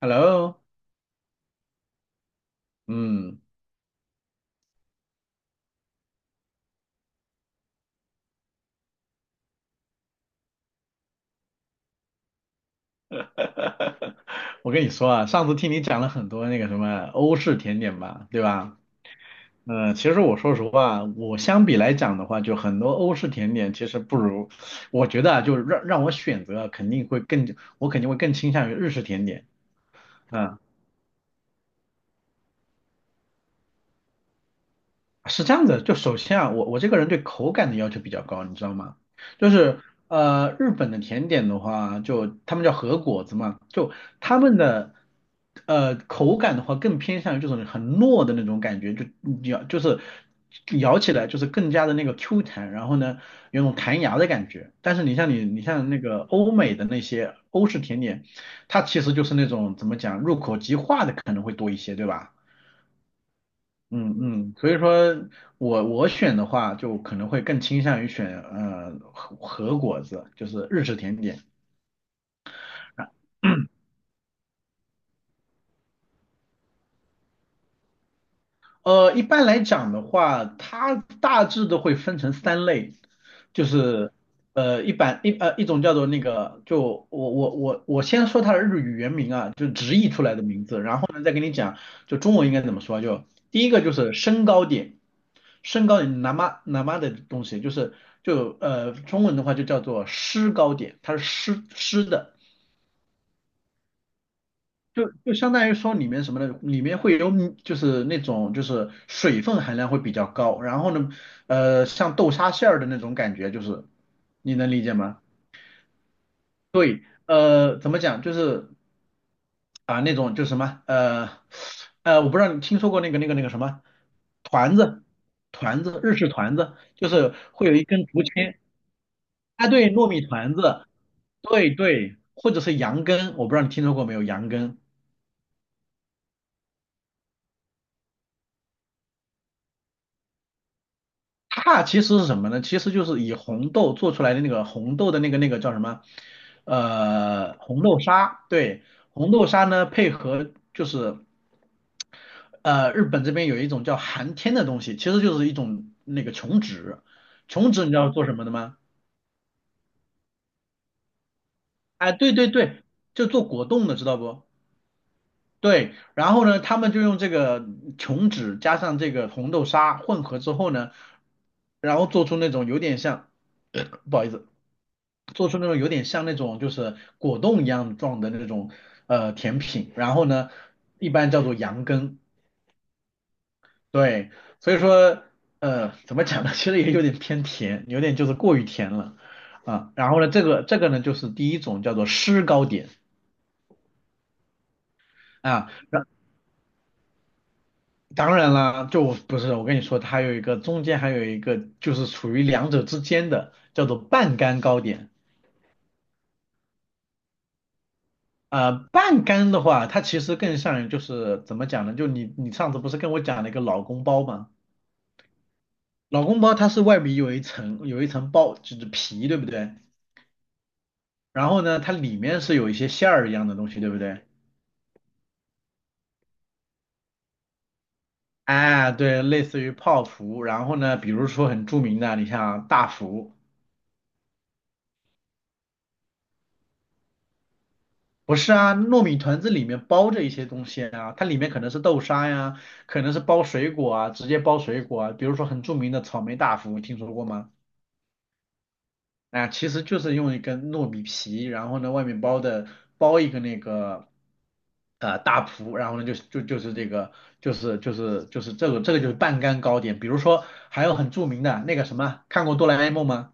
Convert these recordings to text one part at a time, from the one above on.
Hello，嗯，我跟你说啊，上次听你讲了很多那个什么欧式甜点吧，对吧？其实我说实话，我相比来讲的话，就很多欧式甜点其实不如，我觉得啊，就让我选择啊肯定会更，我肯定会更倾向于日式甜点。嗯是这样子，就首先啊，我这个人对口感的要求比较高，你知道吗？就是日本的甜点的话，就他们叫和果子嘛，就他们的口感的话，更偏向于这种很糯的那种感觉，就咬就是咬起来就是更加的那个 Q 弹，然后呢有种弹牙的感觉。但是你像那个欧美的那些欧式甜点，它其实就是那种怎么讲入口即化的可能会多一些，对吧？嗯嗯，所以说我选的话，就可能会更倾向于选和果子，就是日式甜点。一般来讲的话，它大致都会分成三类，就是呃一版一呃一种叫做那个，就我先说它的日语原名啊，就直译出来的名字，然后呢再跟你讲就中文应该怎么说啊，就第一个就是身高点，身高点 nama n a 的东西，就是就中文的话就叫做诗高点，它是诗诗的。就相当于说里面什么呢？里面会有米就是那种就是水分含量会比较高，然后呢，像豆沙馅儿的那种感觉，就是你能理解吗？对，怎么讲？就是啊、那种就是什么，我不知道你听说过那个那个那个什么团子，团子日式团子，就是会有一根竹签啊，对，糯米团子，对对，或者是羊羹，我不知道你听说过没有羊羹。它其实是什么呢？其实就是以红豆做出来的那个红豆的那个那个叫什么？红豆沙。对，红豆沙呢，配合就是，日本这边有一种叫寒天的东西，其实就是一种那个琼脂。琼脂你知道做什么的吗？哎，对对对，就做果冻的，知道不？对，然后呢，他们就用这个琼脂加上这个红豆沙混合之后呢，然后做出那种有点像，不好意思。做出那种有点像那种就是果冻一样状的那种甜品，然后呢，一般叫做羊羹，对，所以说怎么讲呢，其实也有点偏甜，有点就是过于甜了啊。然后呢，这个呢就是第一种叫做湿糕点啊，当然啦，就我不是我跟你说，它还有一个中间还有一个就是处于两者之间的叫做半干糕点。半干的话，它其实更像于就是怎么讲呢？就你上次不是跟我讲了一个老公包吗？老公包它是外面有一层包，就是皮，对不对？然后呢，它里面是有一些馅儿一样的东西，对不对？哎，对，类似于泡芙。然后呢，比如说很著名的，你像大福，不是啊，糯米团子里面包着一些东西啊，它里面可能是豆沙呀，可能是包水果啊，直接包水果啊。比如说很著名的草莓大福，听说过吗？啊，其实就是用一根糯米皮，然后呢外面包的包一个那个大蒲，然后呢就是就就是这个就是就是就是这个这个就是半干糕点。比如说还有很著名的那个什么，看过哆啦 A 梦吗？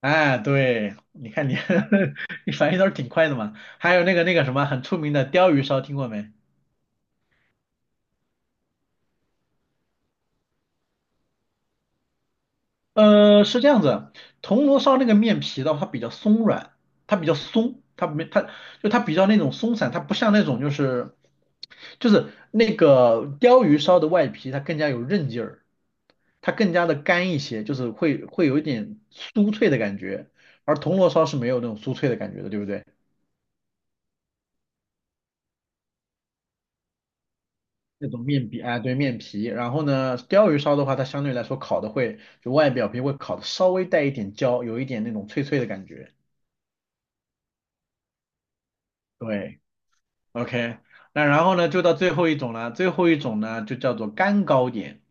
哎，对，你看你 你反应倒是挺快的嘛。还有那个那个什么很出名的鲷鱼烧，听过没？是这样子，铜锣烧那个面皮的话，它比较松软，它比较松，它没它就它比较那种松散，它不像那种就是那个鲷鱼烧的外皮，它更加有韧劲儿，它更加的干一些，就是会会有一点酥脆的感觉，而铜锣烧是没有那种酥脆的感觉的，对不对？那种面皮，哎，对，面皮。然后呢，鲷鱼烧的话，它相对来说烤的会，就外表皮会烤的稍微带一点焦，有一点那种脆脆的感觉。对。OK，那然后呢，就到最后一种了。最后一种呢，就叫做干糕点。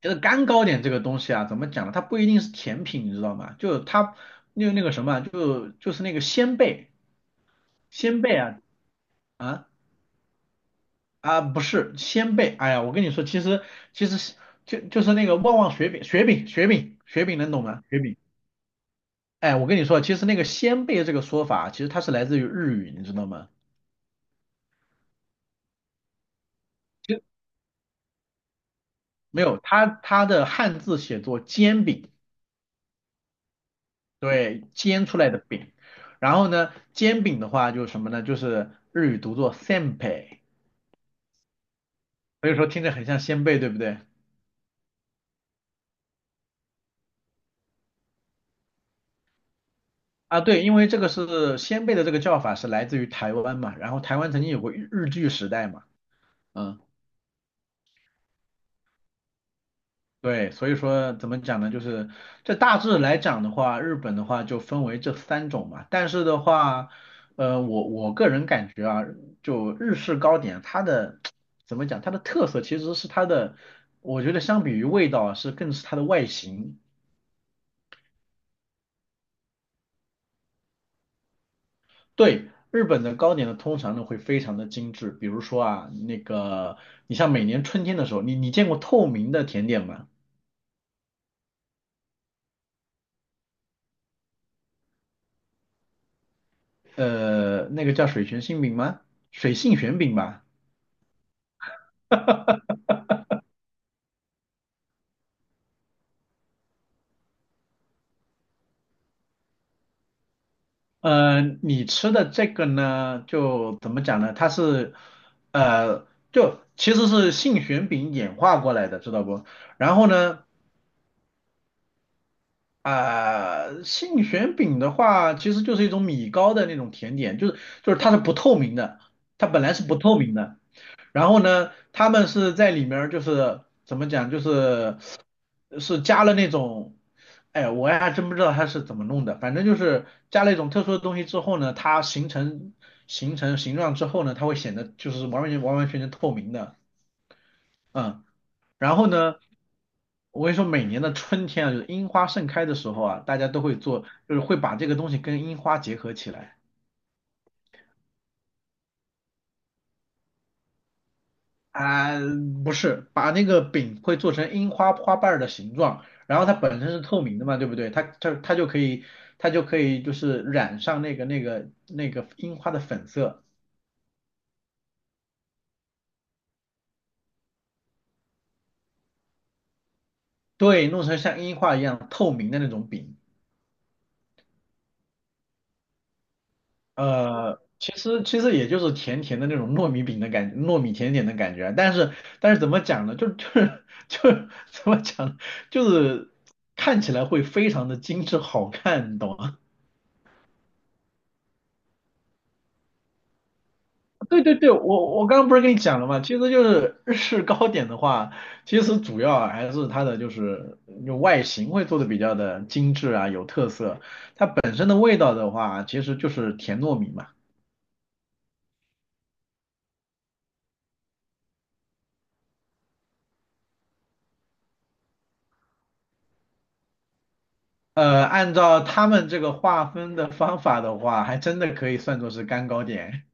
就是干糕点这个东西啊，怎么讲呢？它不一定是甜品，你知道吗？就是它那个什么啊，就就是那个鲜贝，鲜贝啊啊啊，不是鲜贝。哎呀，我跟你说，其实就是那个旺旺雪饼，雪饼雪饼雪饼，能懂吗？雪饼。哎，我跟你说，其实那个鲜贝这个说法啊，其实它是来自于日语，你知道吗？就没有，它的汉字写作煎饼。对，煎出来的饼。然后呢，煎饼的话就是什么呢？就是日语读作 senpai，所以说听着很像鲜贝，对不对？啊，对，因为这个是鲜贝的这个叫法是来自于台湾嘛，然后台湾曾经有过日据时代嘛，嗯。对，所以说怎么讲呢？就是这大致来讲的话，日本的话就分为这三种嘛。但是的话，我个人感觉啊，就日式糕点，它的 怎么讲，它的特色其实是它的，我觉得相比于味道啊是更是它的外形。对，日本的糕点呢，通常呢会非常的精致，比如说啊，那个你像每年春天的时候，你见过透明的甜点吗？那个叫水泉杏饼吗？水性玄饼吧。你吃的这个呢，就怎么讲呢？它是，呃，就其实是杏仁饼演化过来的，知道不？然后呢，杏仁饼的话，其实就是一种米糕的那种甜点，就是就是它是不透明的，它本来是不透明的，然后呢，他们是在里面儿就是怎么讲，就是是加了那种，哎，我还真不知道他是怎么弄的，反正就是加了一种特殊的东西之后呢，它形成形状之后呢，它会显得就是完完全全透明的，嗯，然后呢。我跟你说，每年的春天啊，就是樱花盛开的时候啊，大家都会做，就是会把这个东西跟樱花结合起来。啊、不是，把那个饼会做成樱花花瓣儿的形状，然后它本身是透明的嘛，对不对？它就可以就是染上那个那个那个樱花的粉色，对，弄成像樱花一样透明的那种饼。其实也就是甜甜的那种糯米饼的感觉，糯米甜点的感觉啊。但是怎么讲呢？怎么讲呢就是看起来会非常的精致好看，你懂吗？对对对，我刚刚不是跟你讲了吗？其实就是日式糕点的话，其实主要还是它的就是有外形会做的比较的精致啊，有特色。它本身的味道的话，其实就是甜糯米嘛。按照他们这个划分的方法的话，还真的可以算作是干糕点。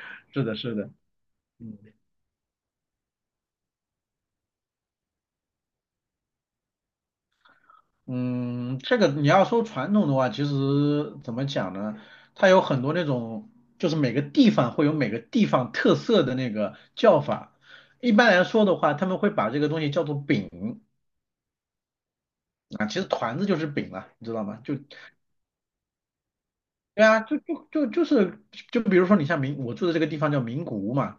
是的，是的，嗯。嗯，这个你要说传统的话，其实怎么讲呢？它有很多那种，就是每个地方会有每个地方特色的那个叫法。一般来说的话，他们会把这个东西叫做饼啊，其实团子就是饼了，你知道吗？就对啊，就比如说你像名，我住的这个地方叫名古屋嘛，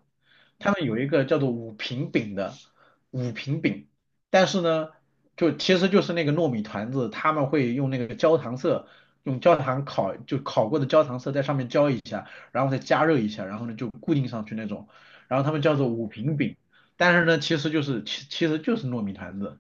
他们有一个叫做五平饼的五平饼，但是呢，就其实就是那个糯米团子，他们会用那个焦糖色，用焦糖烤，就烤过的焦糖色在上面浇一下，然后再加热一下，然后呢就固定上去那种，然后他们叫做五平饼，但是呢其实就是其实就是糯米团子。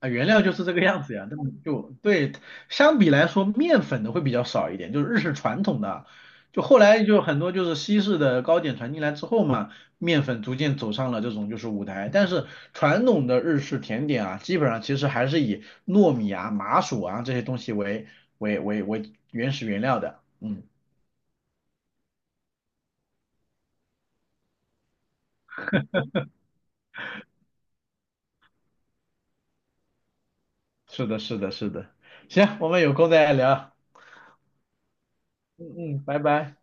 啊，原料就是这个样子呀，那么就对，相比来说，面粉的会比较少一点，就是日式传统的，就后来就很多就是西式的糕点传进来之后嘛，面粉逐渐走上了这种就是舞台，但是传统的日式甜点啊，基本上其实还是以糯米啊、麻薯啊这些东西为原始原料的，嗯，是的，是的，是的，行，我们有空再聊，嗯嗯，拜拜。